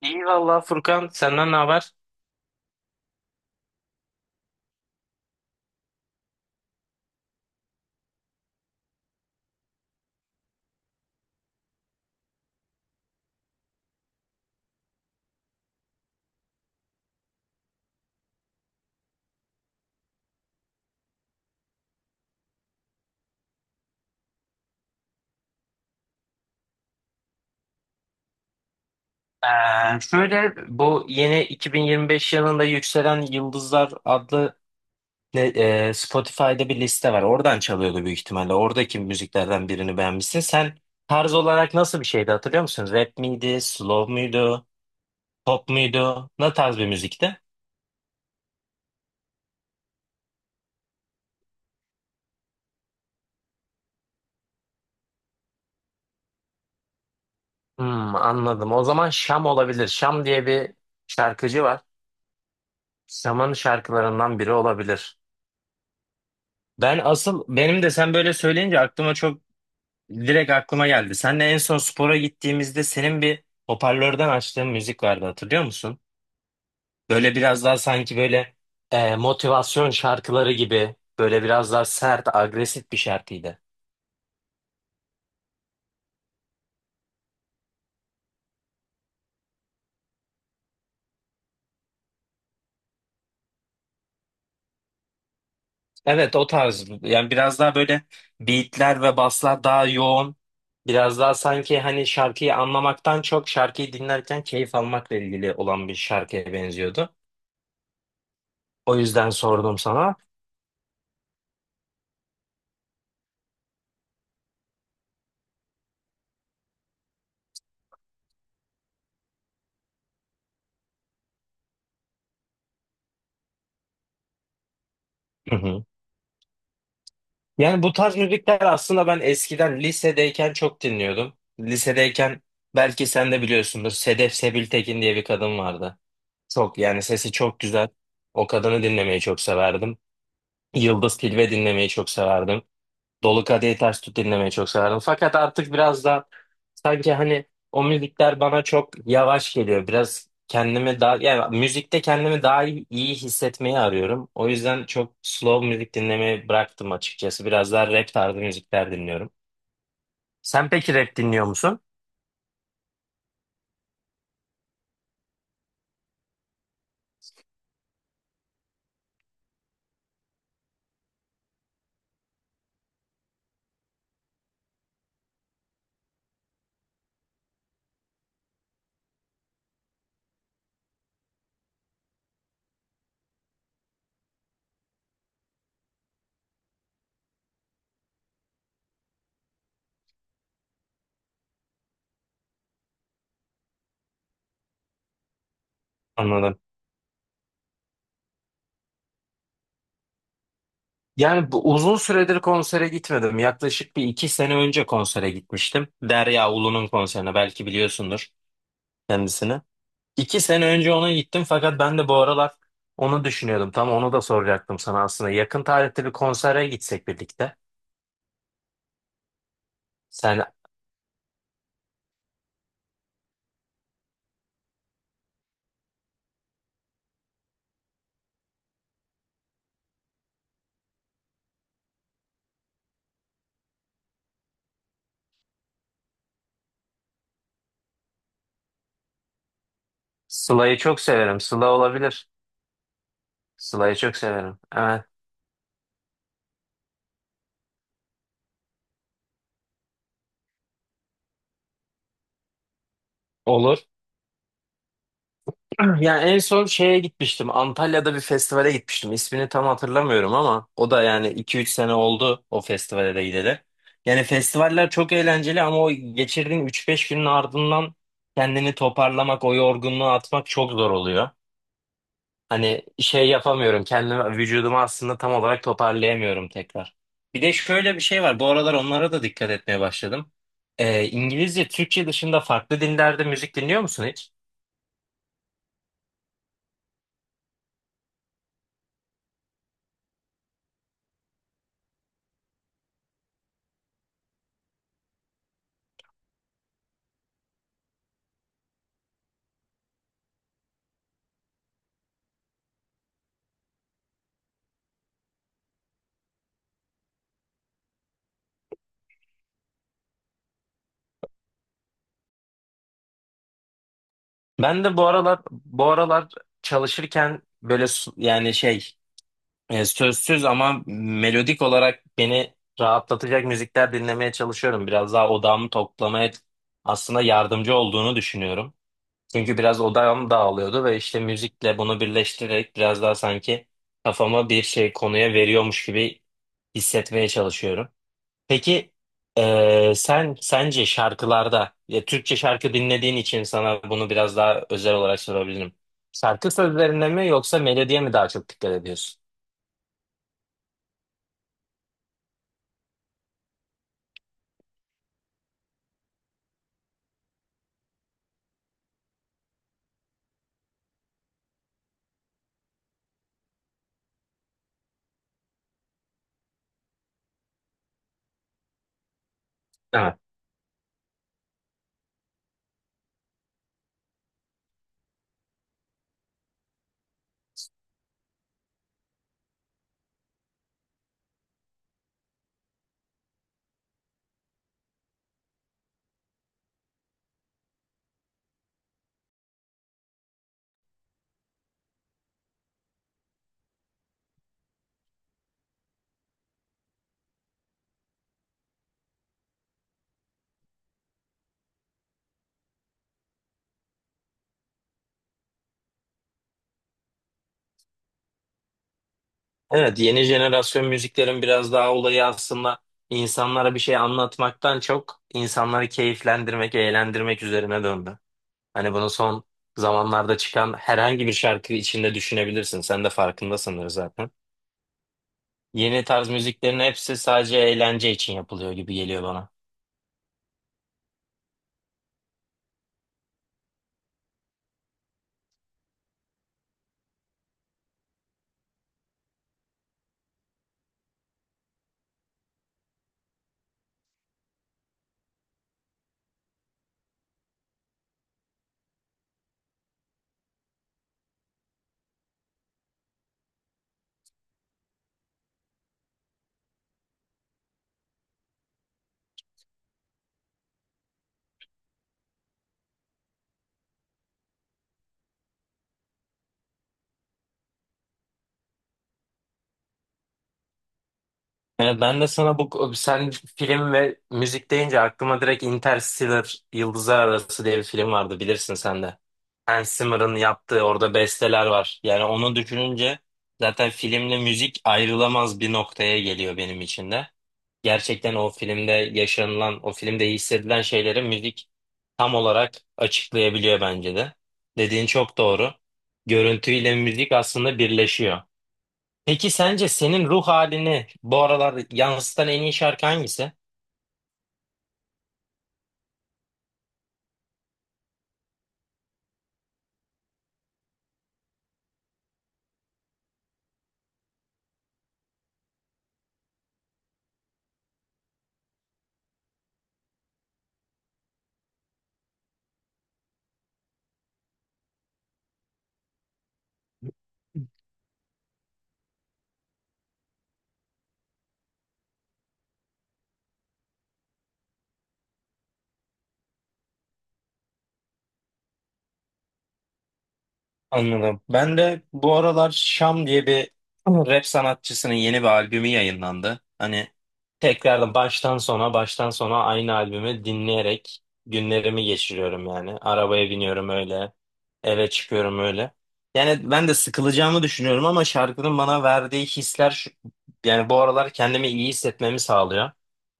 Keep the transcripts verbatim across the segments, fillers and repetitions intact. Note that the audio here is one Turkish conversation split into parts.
İyi valla Furkan, senden ne haber? Ee, şöyle, bu yeni iki bin yirmi beş yılında Yükselen Yıldızlar adlı ne- e, Spotify'da bir liste var. Oradan çalıyordu büyük ihtimalle. Oradaki müziklerden birini beğenmişsin. Sen tarz olarak nasıl bir şeydi hatırlıyor musun? Rap miydi, slow muydu, pop muydu? Ne tarz bir müzikti? Hmm, anladım. O zaman Şam olabilir. Şam diye bir şarkıcı var. Şam'ın şarkılarından biri olabilir. Ben asıl benim de sen böyle söyleyince aklıma çok direkt aklıma geldi. Seninle en son spora gittiğimizde senin bir hoparlörden açtığın müzik vardı, hatırlıyor musun? Böyle biraz daha sanki böyle e, motivasyon şarkıları gibi böyle biraz daha sert, agresif bir şarkıydı. Evet, o tarz, yani biraz daha böyle beatler ve baslar daha yoğun. Biraz daha sanki hani şarkıyı anlamaktan çok şarkıyı dinlerken keyif almakla ilgili olan bir şarkıya benziyordu. O yüzden sordum sana. Yani bu tarz müzikler aslında ben eskiden lisedeyken çok dinliyordum. Lisedeyken belki sen de biliyorsundur, Sedef Sebil Tekin diye bir kadın vardı. Çok yani sesi çok güzel. O kadını dinlemeyi çok severdim. Yıldız Tilbe dinlemeyi çok severdim. Dolu Kadehi Ters Tut dinlemeyi çok severdim. Fakat artık biraz da sanki hani o müzikler bana çok yavaş geliyor. Biraz kendimi daha yani müzikte kendimi daha iyi, iyi hissetmeyi arıyorum. O yüzden çok slow müzik dinlemeyi bıraktım açıkçası. Biraz daha rap tarzı müzikler dinliyorum. Sen peki rap dinliyor musun? Anladım. Yani bu uzun süredir konsere gitmedim. Yaklaşık bir iki sene önce konsere gitmiştim. Derya Ulu'nun konserine, belki biliyorsundur kendisini. İki sene önce ona gittim, fakat ben de bu aralar onu düşünüyordum. Tam onu da soracaktım sana aslında. Yakın tarihte bir konsere gitsek birlikte. Sen Sıla'yı çok severim. Sıla olabilir. Sıla'yı çok severim. Evet. Olur. Yani en son şeye gitmiştim. Antalya'da bir festivale gitmiştim. İsmini tam hatırlamıyorum ama o da yani iki üç sene oldu o festivale de gideli. Yani festivaller çok eğlenceli ama o geçirdiğin üç beş günün ardından kendini toparlamak, o yorgunluğu atmak çok zor oluyor. Hani şey yapamıyorum. Kendimi, vücudumu aslında tam olarak toparlayamıyorum tekrar. Bir de şöyle bir şey var. Bu aralar onlara da dikkat etmeye başladım. Ee, İngilizce, Türkçe dışında farklı dinlerde müzik dinliyor musun hiç? Ben de bu aralar bu aralar çalışırken böyle su- yani şey e, sözsüz ama melodik olarak beni rahatlatacak müzikler dinlemeye çalışıyorum. Biraz daha odağımı toplamaya aslında yardımcı olduğunu düşünüyorum. Çünkü biraz odağım dağılıyordu ve işte müzikle bunu birleştirerek biraz daha sanki kafama bir şey konuya veriyormuş gibi hissetmeye çalışıyorum. Peki eee, sen sence şarkılarda ya Türkçe şarkı dinlediğin için sana bunu biraz daha özel olarak sorabilirim. Şarkı sözlerine mi yoksa melodiye mi daha çok dikkat ediyorsun? Evet. Evet, yeni jenerasyon müziklerin biraz daha olayı aslında insanlara bir şey anlatmaktan çok insanları keyiflendirmek, eğlendirmek üzerine döndü. Hani bunu son zamanlarda çıkan herhangi bir şarkı içinde düşünebilirsin. Sen de farkında sanırım zaten. Yeni tarz müziklerin hepsi sadece eğlence için yapılıyor gibi geliyor bana. Yani ben de sana bu sen film ve müzik deyince aklıma direkt Interstellar Yıldızlar Arası diye bir film vardı, bilirsin sen de. Hans Zimmer'ın yaptığı orada besteler var. Yani onu düşününce zaten filmle müzik ayrılamaz bir noktaya geliyor benim için de. Gerçekten o filmde yaşanılan, o filmde hissedilen şeyleri müzik tam olarak açıklayabiliyor bence de. Dediğin çok doğru. Görüntüyle müzik aslında birleşiyor. Peki sence senin ruh halini bu aralar yansıtan en iyi şarkı hangisi? Anladım. Ben de bu aralar Şam diye bir rap sanatçısının yeni bir albümü yayınlandı. Hani tekrardan baştan sona baştan sona aynı albümü dinleyerek günlerimi geçiriyorum yani. Arabaya biniyorum öyle, eve çıkıyorum öyle. Yani ben de sıkılacağımı düşünüyorum ama şarkının bana verdiği hisler şu- yani bu aralar kendimi iyi hissetmemi sağlıyor.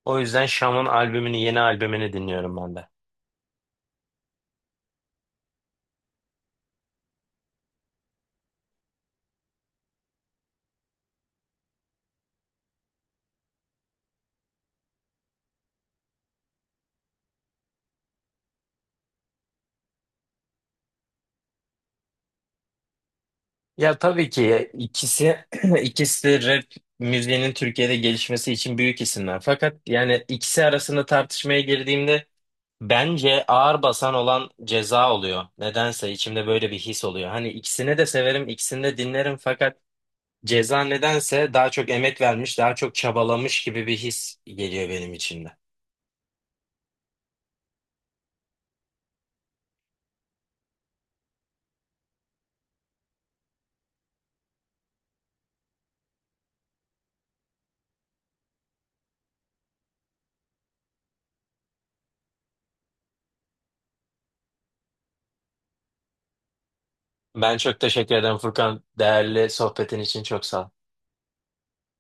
O yüzden Şam'ın albümünü, yeni albümünü dinliyorum ben de. Ya tabii ki ikisi ikisi de rap müziğinin Türkiye'de gelişmesi için büyük isimler. Fakat yani ikisi arasında tartışmaya girdiğimde bence ağır basan olan Ceza oluyor. Nedense içimde böyle bir his oluyor. Hani ikisini de severim, ikisini de dinlerim fakat Ceza nedense daha çok emek vermiş, daha çok çabalamış gibi bir his geliyor benim içimde. Ben çok teşekkür ederim Furkan. Değerli sohbetin için çok sağ ol.